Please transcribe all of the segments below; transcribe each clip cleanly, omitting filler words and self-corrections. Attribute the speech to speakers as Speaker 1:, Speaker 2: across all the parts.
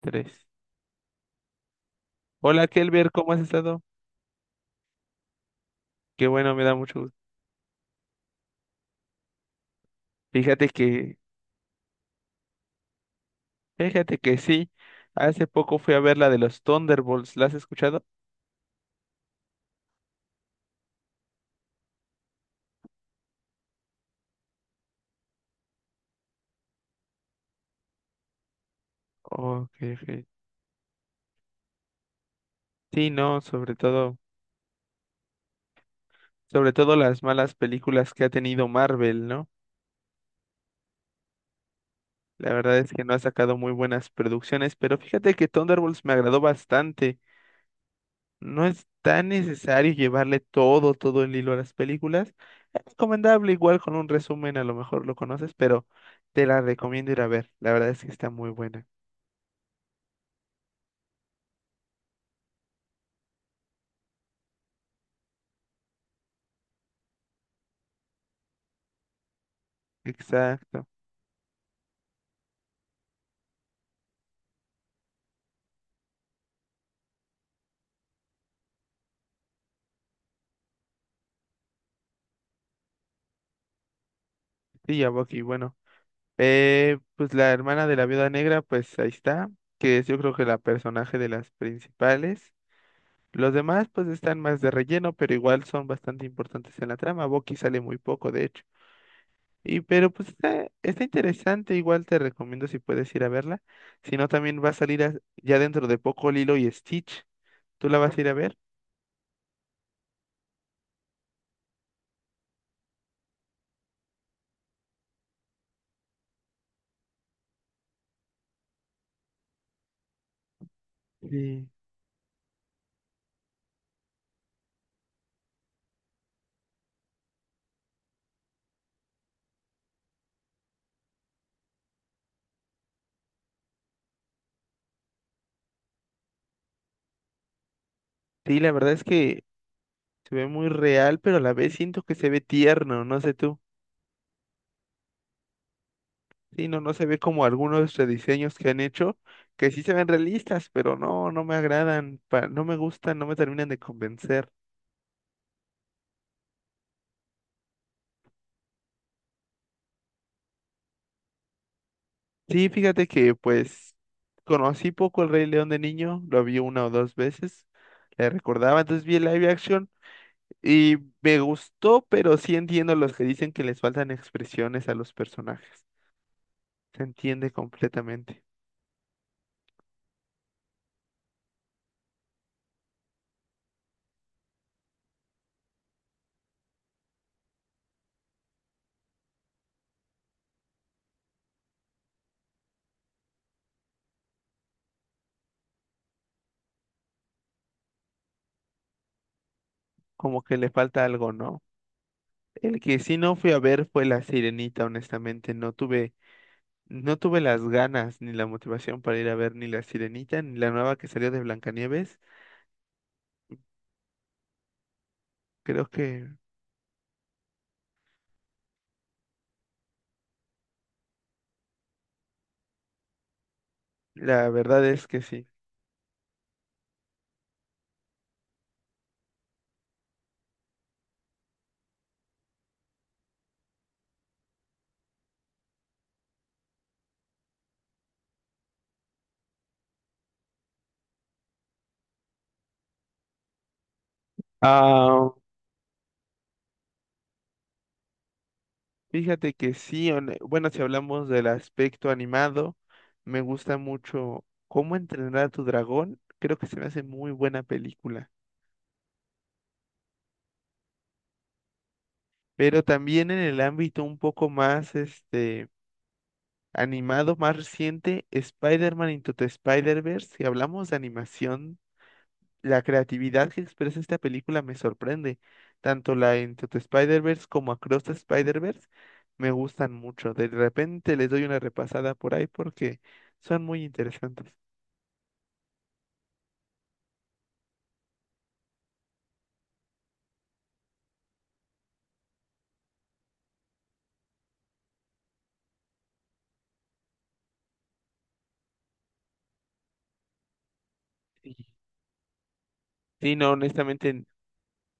Speaker 1: Tres. Hola, Kelber, ¿cómo has estado? Qué bueno, me da mucho gusto. Fíjate que, fíjate que sí. Hace poco fui a ver la de los Thunderbolts. ¿La has escuchado? Ok, ok. Sí, no, sobre todo las malas películas que ha tenido Marvel, ¿no? La verdad es que no ha sacado muy buenas producciones, pero fíjate que Thunderbolts me agradó bastante. No es tan necesario llevarle todo el hilo a las películas. Es recomendable, igual con un resumen, a lo mejor lo conoces, pero te la recomiendo ir a ver. La verdad es que está muy buena. Exacto. Sí, ya Bucky, bueno. Pues la hermana de la viuda negra, pues ahí está, que es yo creo que la personaje de las principales. Los demás pues están más de relleno, pero igual son bastante importantes en la trama. Bucky sale muy poco, de hecho. Y pero pues está interesante, igual te recomiendo si puedes ir a verla. Si no, también va a salir ya dentro de poco Lilo y Stitch. ¿Tú la vas a ir a ver? Sí. Sí, la verdad es que se ve muy real, pero a la vez siento que se ve tierno, no sé tú. Sí, no, no se ve como algunos rediseños que han hecho, que sí se ven realistas, pero no, no me agradan, no me gustan, no me terminan de convencer. Sí, fíjate que pues conocí poco el Rey León de niño, lo vi una o dos veces, le recordaba, entonces vi el live action y me gustó, pero sí entiendo los que dicen que les faltan expresiones a los personajes. Se entiende completamente, como que le falta algo, ¿no? El que sí no fui a ver fue La Sirenita, honestamente, no tuve las ganas ni la motivación para ir a ver ni La Sirenita ni la nueva que salió de Blancanieves. Creo que la verdad es que sí. Fíjate que sí, bueno, si hablamos del aspecto animado, me gusta mucho Cómo entrenar a tu dragón, creo que se me hace muy buena película, pero también en el ámbito un poco más animado, más reciente, Spider-Man Into the Spider-Verse, si hablamos de animación. La creatividad que expresa esta película me sorprende. Tanto la Into the Spider-Verse como Across the Spider-Verse me gustan mucho. De repente les doy una repasada por ahí porque son muy interesantes. Sí, sí, no, honestamente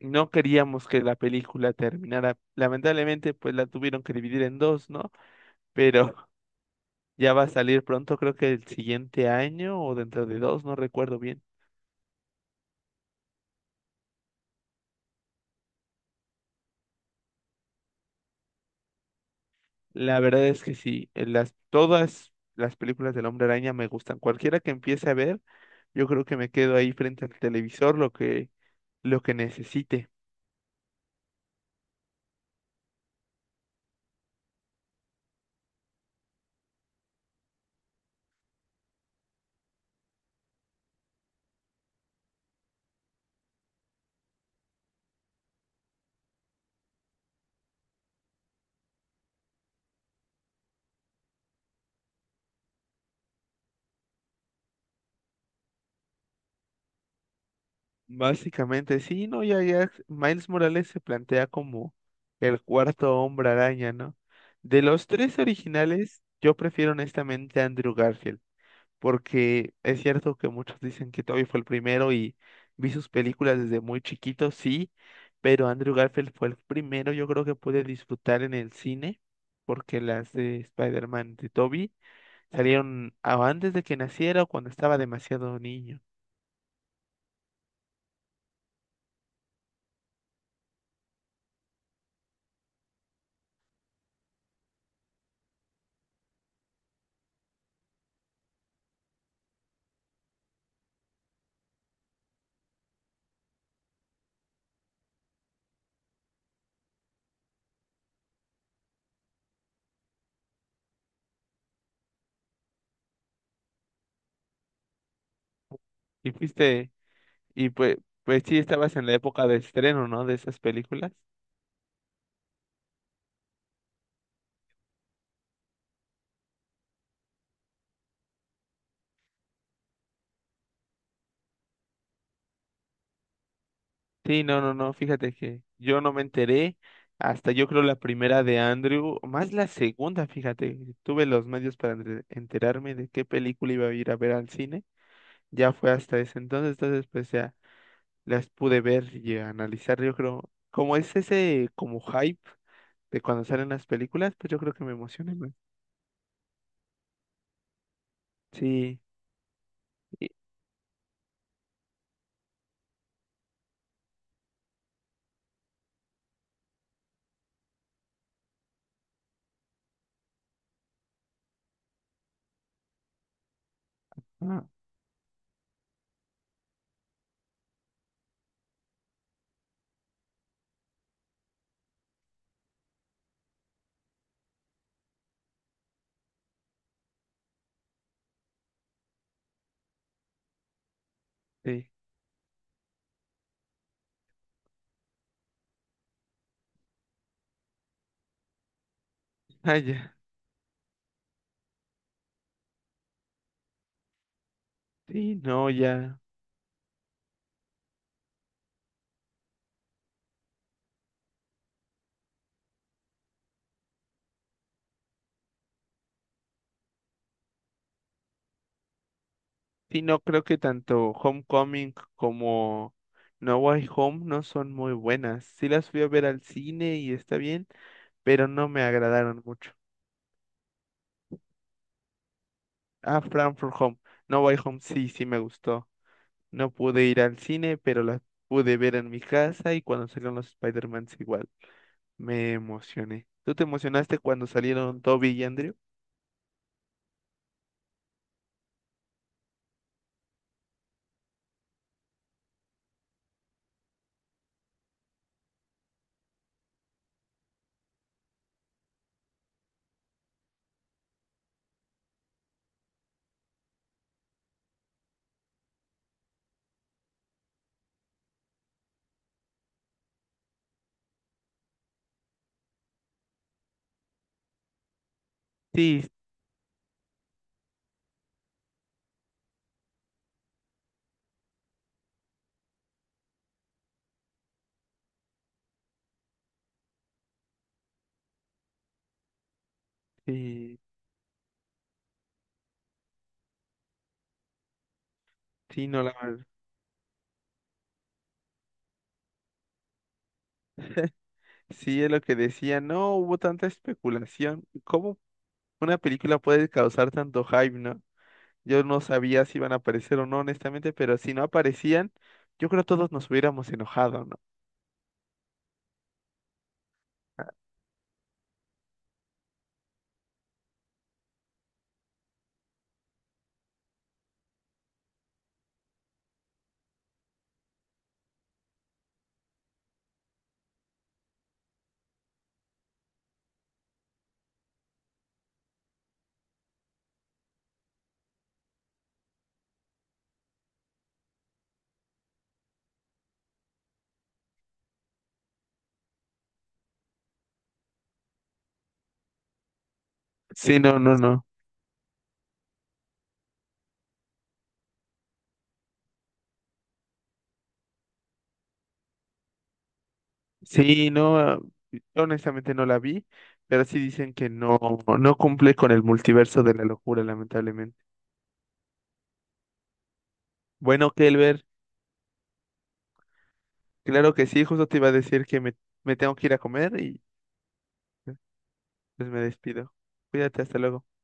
Speaker 1: no queríamos que la película terminara. Lamentablemente, pues la tuvieron que dividir en dos, ¿no? Pero ya va a salir pronto, creo que el siguiente año o dentro de dos, no recuerdo bien. La verdad es que sí, todas las películas del Hombre Araña me gustan. Cualquiera que empiece a ver, yo creo que me quedo ahí frente al televisor lo que necesite. Básicamente, sí, no, ya, Miles Morales se plantea como el cuarto Hombre Araña, ¿no? De los tres originales, yo prefiero honestamente a Andrew Garfield, porque es cierto que muchos dicen que Toby fue el primero y vi sus películas desde muy chiquito, sí, pero Andrew Garfield fue el primero, yo creo que pude disfrutar en el cine, porque las de Spider-Man de Toby salieron antes de que naciera o cuando estaba demasiado niño. Y fuiste, y pues, pues sí, estabas en la época de estreno, ¿no? De esas películas. Sí, fíjate que yo no me enteré hasta yo creo la primera de Andrew, más la segunda, fíjate, tuve los medios para enterarme de qué película iba a ir a ver al cine, ya fue hasta ese entonces, entonces pues ya las pude ver y analizar, yo creo, como es ese como hype de cuando salen las películas, pues yo creo que me emocioné más. Sí, y- ah, sí, ah, ya, sí, no, ya. Sí, no creo que tanto Homecoming como No Way Home no son muy buenas. Sí las fui a ver al cine y está bien, pero no me agradaron mucho. Ah, Frankfurt Home. No Way Home sí, sí me gustó. No pude ir al cine, pero las pude ver en mi casa y cuando salieron los Spider-Mans igual. Me emocioné. ¿Tú te emocionaste cuando salieron Toby y Andrew? Sí, sí, sí, no la... Sí, es lo que decía. No hubo tanta especulación. ¿Cómo una película puede causar tanto hype, no? Yo no sabía si iban a aparecer o no, honestamente, pero si no aparecían, yo creo que todos nos hubiéramos enojado, ¿no? Sí, no. Sí, no, ah, yo honestamente no la vi, pero sí dicen que no, no cumple con el multiverso de la locura, lamentablemente. Bueno, Kelber, claro que sí, justo te iba a decir que me tengo que ir a comer y pues me despido. Cuídate, hasta luego.